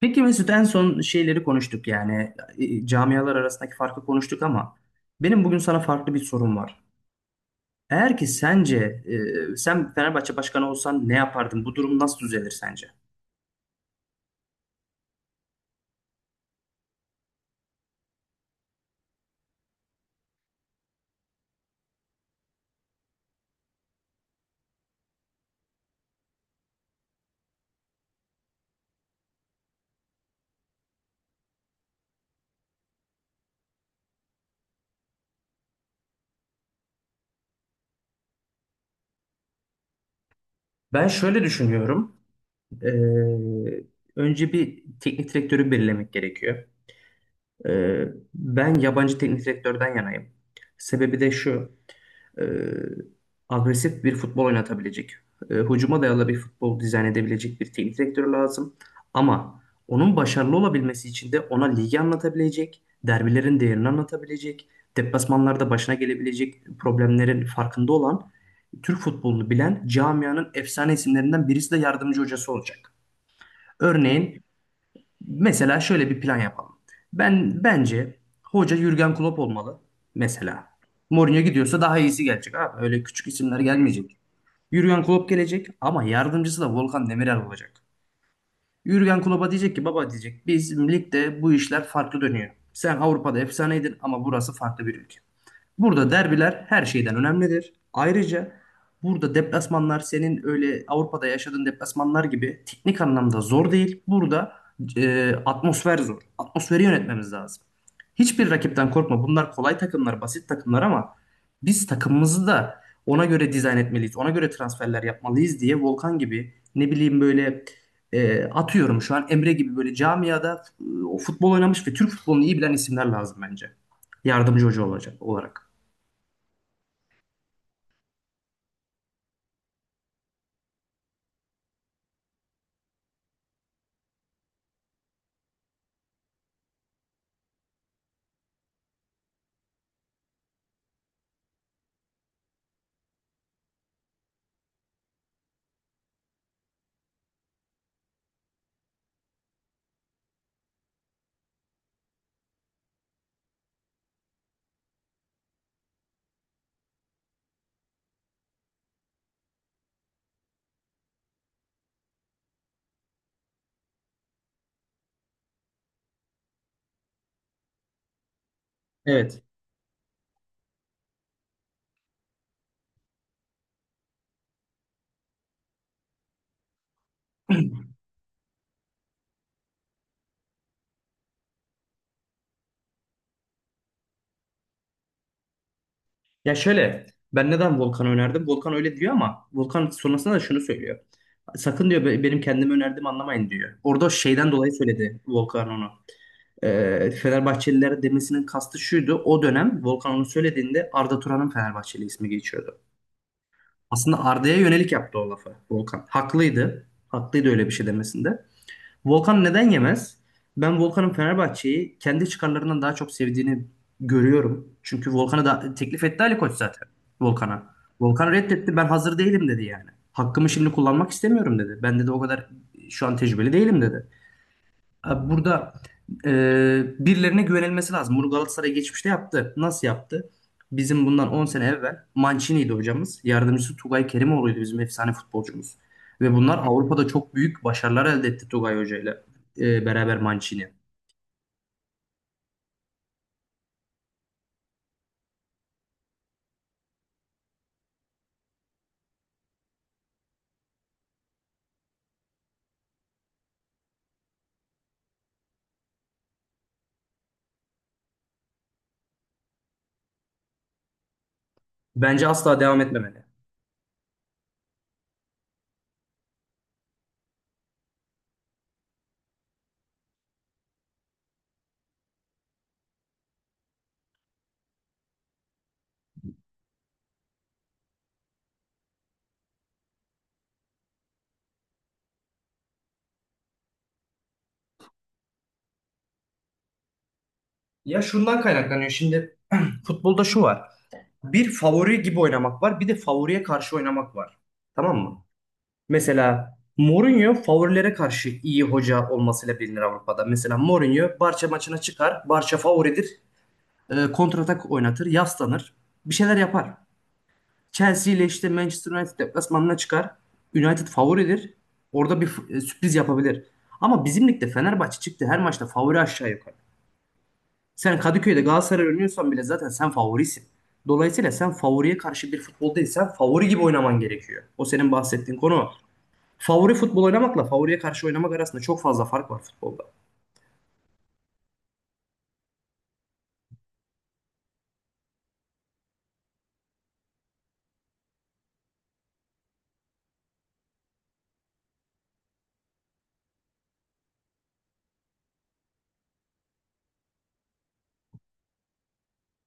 Peki Mesut, en son şeyleri konuştuk, yani camialar arasındaki farkı konuştuk ama benim bugün sana farklı bir sorum var. Eğer ki sence sen Fenerbahçe başkanı olsan ne yapardın? Bu durum nasıl düzelir sence? Ben şöyle düşünüyorum. E, Önce bir teknik direktörü belirlemek gerekiyor. E, Ben yabancı teknik direktörden yanayım. Sebebi de şu. e, Agresif bir futbol oynatabilecek, hücuma dayalı bir futbol dizayn edebilecek bir teknik direktör lazım. Ama onun başarılı olabilmesi için de ona ligi anlatabilecek, derbilerin değerini anlatabilecek, deplasmanlarda başına gelebilecek problemlerin farkında olan, Türk futbolunu bilen camianın efsane isimlerinden birisi de yardımcı hocası olacak. Örneğin, mesela şöyle bir plan yapalım. Ben bence hoca Jürgen Klopp olmalı mesela. Mourinho gidiyorsa daha iyisi gelecek abi. Öyle küçük isimler gelmeyecek. Jürgen Klopp gelecek, ama yardımcısı da Volkan Demirel olacak. Jürgen Klopp'a diyecek ki, baba diyecek, biz ligde bu işler farklı dönüyor. Sen Avrupa'da efsaneydin ama burası farklı bir ülke. Burada derbiler her şeyden önemlidir. Ayrıca burada deplasmanlar senin öyle Avrupa'da yaşadığın deplasmanlar gibi teknik anlamda zor değil. Burada atmosfer zor. Atmosferi yönetmemiz lazım. Hiçbir rakipten korkma. Bunlar kolay takımlar, basit takımlar, ama biz takımımızı da ona göre dizayn etmeliyiz. Ona göre transferler yapmalıyız diye Volkan gibi, ne bileyim, böyle atıyorum şu an Emre gibi, böyle camiada o futbol oynamış ve Türk futbolunu iyi bilen isimler lazım bence. Yardımcı hoca olacak olarak. Evet. Ya şöyle, ben neden Volkan'ı önerdim? Volkan öyle diyor, ama Volkan sonrasında da şunu söylüyor. Sakın diyor, benim kendimi önerdiğimi anlamayın diyor. Orada şeyden dolayı söyledi Volkan onu. Fenerbahçelilere demesinin kastı şuydu. O dönem Volkan onu söylediğinde Arda Turan'ın Fenerbahçeli ismi geçiyordu. Aslında Arda'ya yönelik yaptı o lafı Volkan. Haklıydı. Haklıydı öyle bir şey demesinde. Volkan neden yemez? Ben Volkan'ın Fenerbahçe'yi kendi çıkarlarından daha çok sevdiğini görüyorum. Çünkü Volkan'a da teklif etti Ali Koç zaten. Volkan'a. Volkan reddetti. Ben hazır değilim dedi yani. Hakkımı şimdi kullanmak istemiyorum dedi. Ben dedi, o kadar şu an tecrübeli değilim dedi. Abi, burada e, birilerine güvenilmesi lazım. Bunu Galatasaray geçmişte yaptı. Nasıl yaptı? Bizim bundan 10 sene evvel Mancini'ydi hocamız. Yardımcısı Tugay Kerimoğlu'ydu, bizim efsane futbolcumuz. Ve bunlar Avrupa'da çok büyük başarılar elde etti Tugay Hoca ile beraber Mancini. Bence asla devam etmemeli. Ya şundan kaynaklanıyor şimdi, futbolda şu var. Bir favori gibi oynamak var, bir de favoriye karşı oynamak var. Tamam mı? Mesela Mourinho favorilere karşı iyi hoca olmasıyla bilinir Avrupa'da. Mesela Mourinho Barça maçına çıkar. Barça favoridir. Kontratak oynatır. Yaslanır. Bir şeyler yapar. Chelsea ile işte Manchester United deplasmanına çıkar. United favoridir. Orada bir sürpriz yapabilir. Ama bizim ligde Fenerbahçe çıktı her maçta favori, aşağı yukarı. Sen Kadıköy'de Galatasaray oynuyorsan bile zaten sen favorisin. Dolayısıyla sen favoriye karşı bir futboldaysan favori gibi oynaman gerekiyor. O senin bahsettiğin konu, favori futbol oynamakla favoriye karşı oynamak arasında çok fazla fark var futbolda.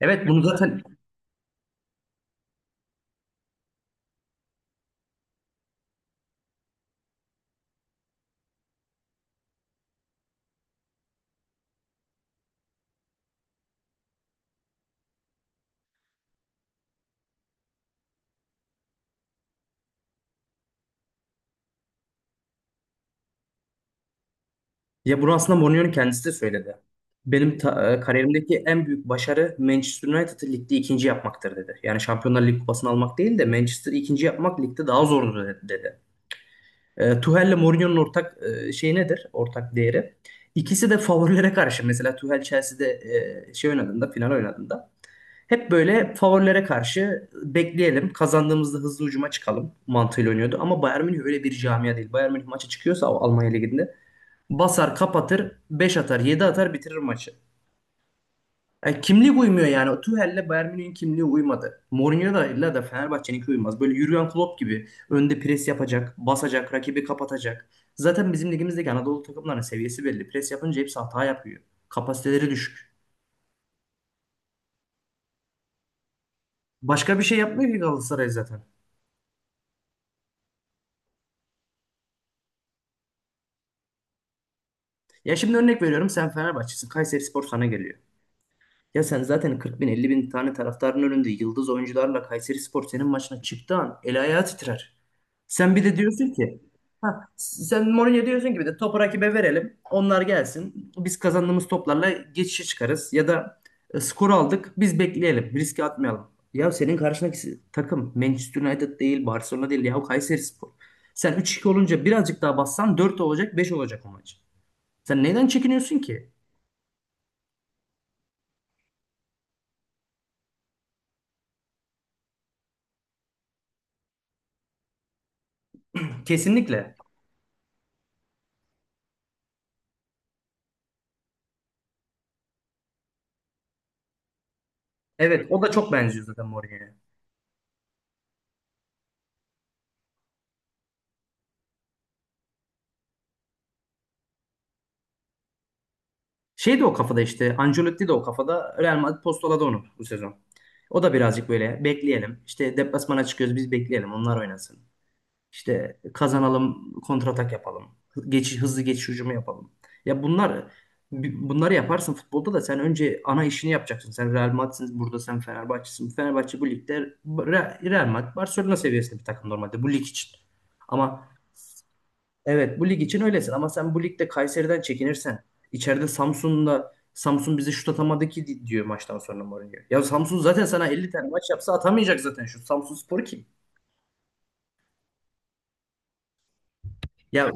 Evet, bunu zaten, ya bunu aslında Mourinho'nun kendisi de söyledi. Benim kariyerimdeki en büyük başarı Manchester United'ı ligde ikinci yapmaktır dedi. Yani Şampiyonlar Ligi kupasını almak değil de Manchester'ı ikinci yapmak ligde daha zordur dedi. Tuchel'le Mourinho'nun ortak şey nedir? Ortak değeri. İkisi de favorilere karşı. Mesela Tuchel Chelsea'de final oynadığında hep böyle favorilere karşı bekleyelim. Kazandığımızda hızlı ucuma çıkalım mantığıyla oynuyordu. Ama Bayern Münih öyle bir camia değil. Bayern Münih maça çıkıyorsa o Almanya Ligi'nde basar, kapatır, 5 atar, 7 atar, bitirir maçı. Yani kimliği uymuyor yani. O Tuchel'le Bayern Münih'in kimliği uymadı. Mourinho'da da Fenerbahçe'ninki uymaz. Böyle Jurgen Klopp gibi önde pres yapacak, basacak, rakibi kapatacak. Zaten bizim ligimizdeki Anadolu takımlarının seviyesi belli. Pres yapınca hepsi hata yapıyor. Kapasiteleri düşük. Başka bir şey yapmıyor ki Galatasaray zaten. Ya şimdi örnek veriyorum, sen Fenerbahçe'sin. Kayserispor sana geliyor. Ya sen zaten 40 bin 50 bin tane taraftarın önünde yıldız oyuncularla, Kayserispor senin maçına çıktığı an el ayağı titrer. Sen bir de diyorsun ki, ha, sen Mourinho diyorsun ki, bir de topu rakibe verelim. Onlar gelsin. Biz kazandığımız toplarla geçişe çıkarız. Ya da skor aldık, biz bekleyelim. Riske atmayalım. Ya senin karşındaki takım Manchester United değil, Barcelona değil. Ya Kayserispor. Sen 3-2 olunca birazcık daha bassan 4 olacak, 5 olacak o maç. Sen neyden çekiniyorsun ki? Kesinlikle. Evet, o da çok benziyor zaten Mourinho'ya. Şey de o kafada, işte Ancelotti de o kafada, Real Madrid postaladı onu bu sezon. O da birazcık böyle, bekleyelim. İşte deplasmana çıkıyoruz, biz bekleyelim, onlar oynasın. İşte kazanalım, kontratak yapalım. Geçiş, hızlı geçiş hücumu yapalım. Ya bunlar, bunları yaparsın futbolda da, sen önce ana işini yapacaksın. Sen Real Madrid'sin burada, sen Fenerbahçe'sin. Fenerbahçe bu ligde Real Madrid, Barcelona seviyesinde bir takım normalde bu lig için. Ama evet, bu lig için öylesin ama sen bu ligde Kayseri'den çekinirsen, içeride Samsun'da, Samsun bizi şut atamadı ki diyor maçtan sonra Mourinho. Ya Samsun zaten sana 50 tane maç yapsa atamayacak zaten, şu Samsun Spor kim? Ya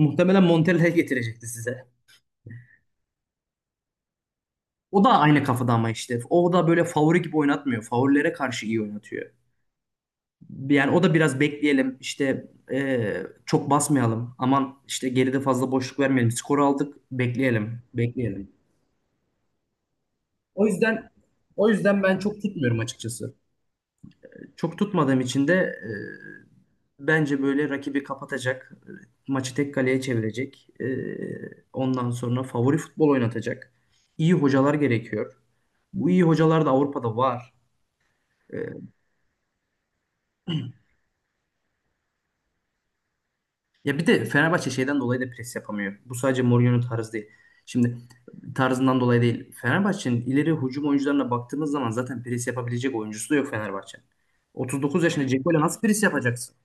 muhtemelen Montella getirecekti size. O da aynı kafada ama işte. O da böyle favori gibi oynatmıyor. Favorilere karşı iyi oynatıyor. Yani o da biraz, bekleyelim. İşte çok basmayalım. Aman işte geride fazla boşluk vermeyelim. Skoru aldık. Bekleyelim. Bekleyelim. O yüzden o yüzden ben çok tutmuyorum açıkçası. Çok tutmadığım için de bence böyle rakibi kapatacak, maçı tek kaleye çevirecek, ondan sonra favori futbol oynatacak iyi hocalar gerekiyor. Bu iyi hocalar da Avrupa'da var. E, Ya bir de Fenerbahçe şeyden dolayı da pres yapamıyor. Bu sadece Mourinho'nun tarzı değil. Şimdi tarzından dolayı değil. Fenerbahçe'nin ileri hücum oyuncularına baktığımız zaman zaten pres yapabilecek oyuncusu da yok Fenerbahçe'nin. 39 yaşında Dzeko'yla nasıl pres yapacaksın?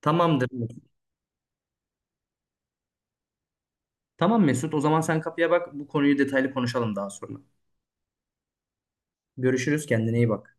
Tamamdır. Tamam Mesut, o zaman sen kapıya bak. Bu konuyu detaylı konuşalım daha sonra. Görüşürüz, kendine iyi bak.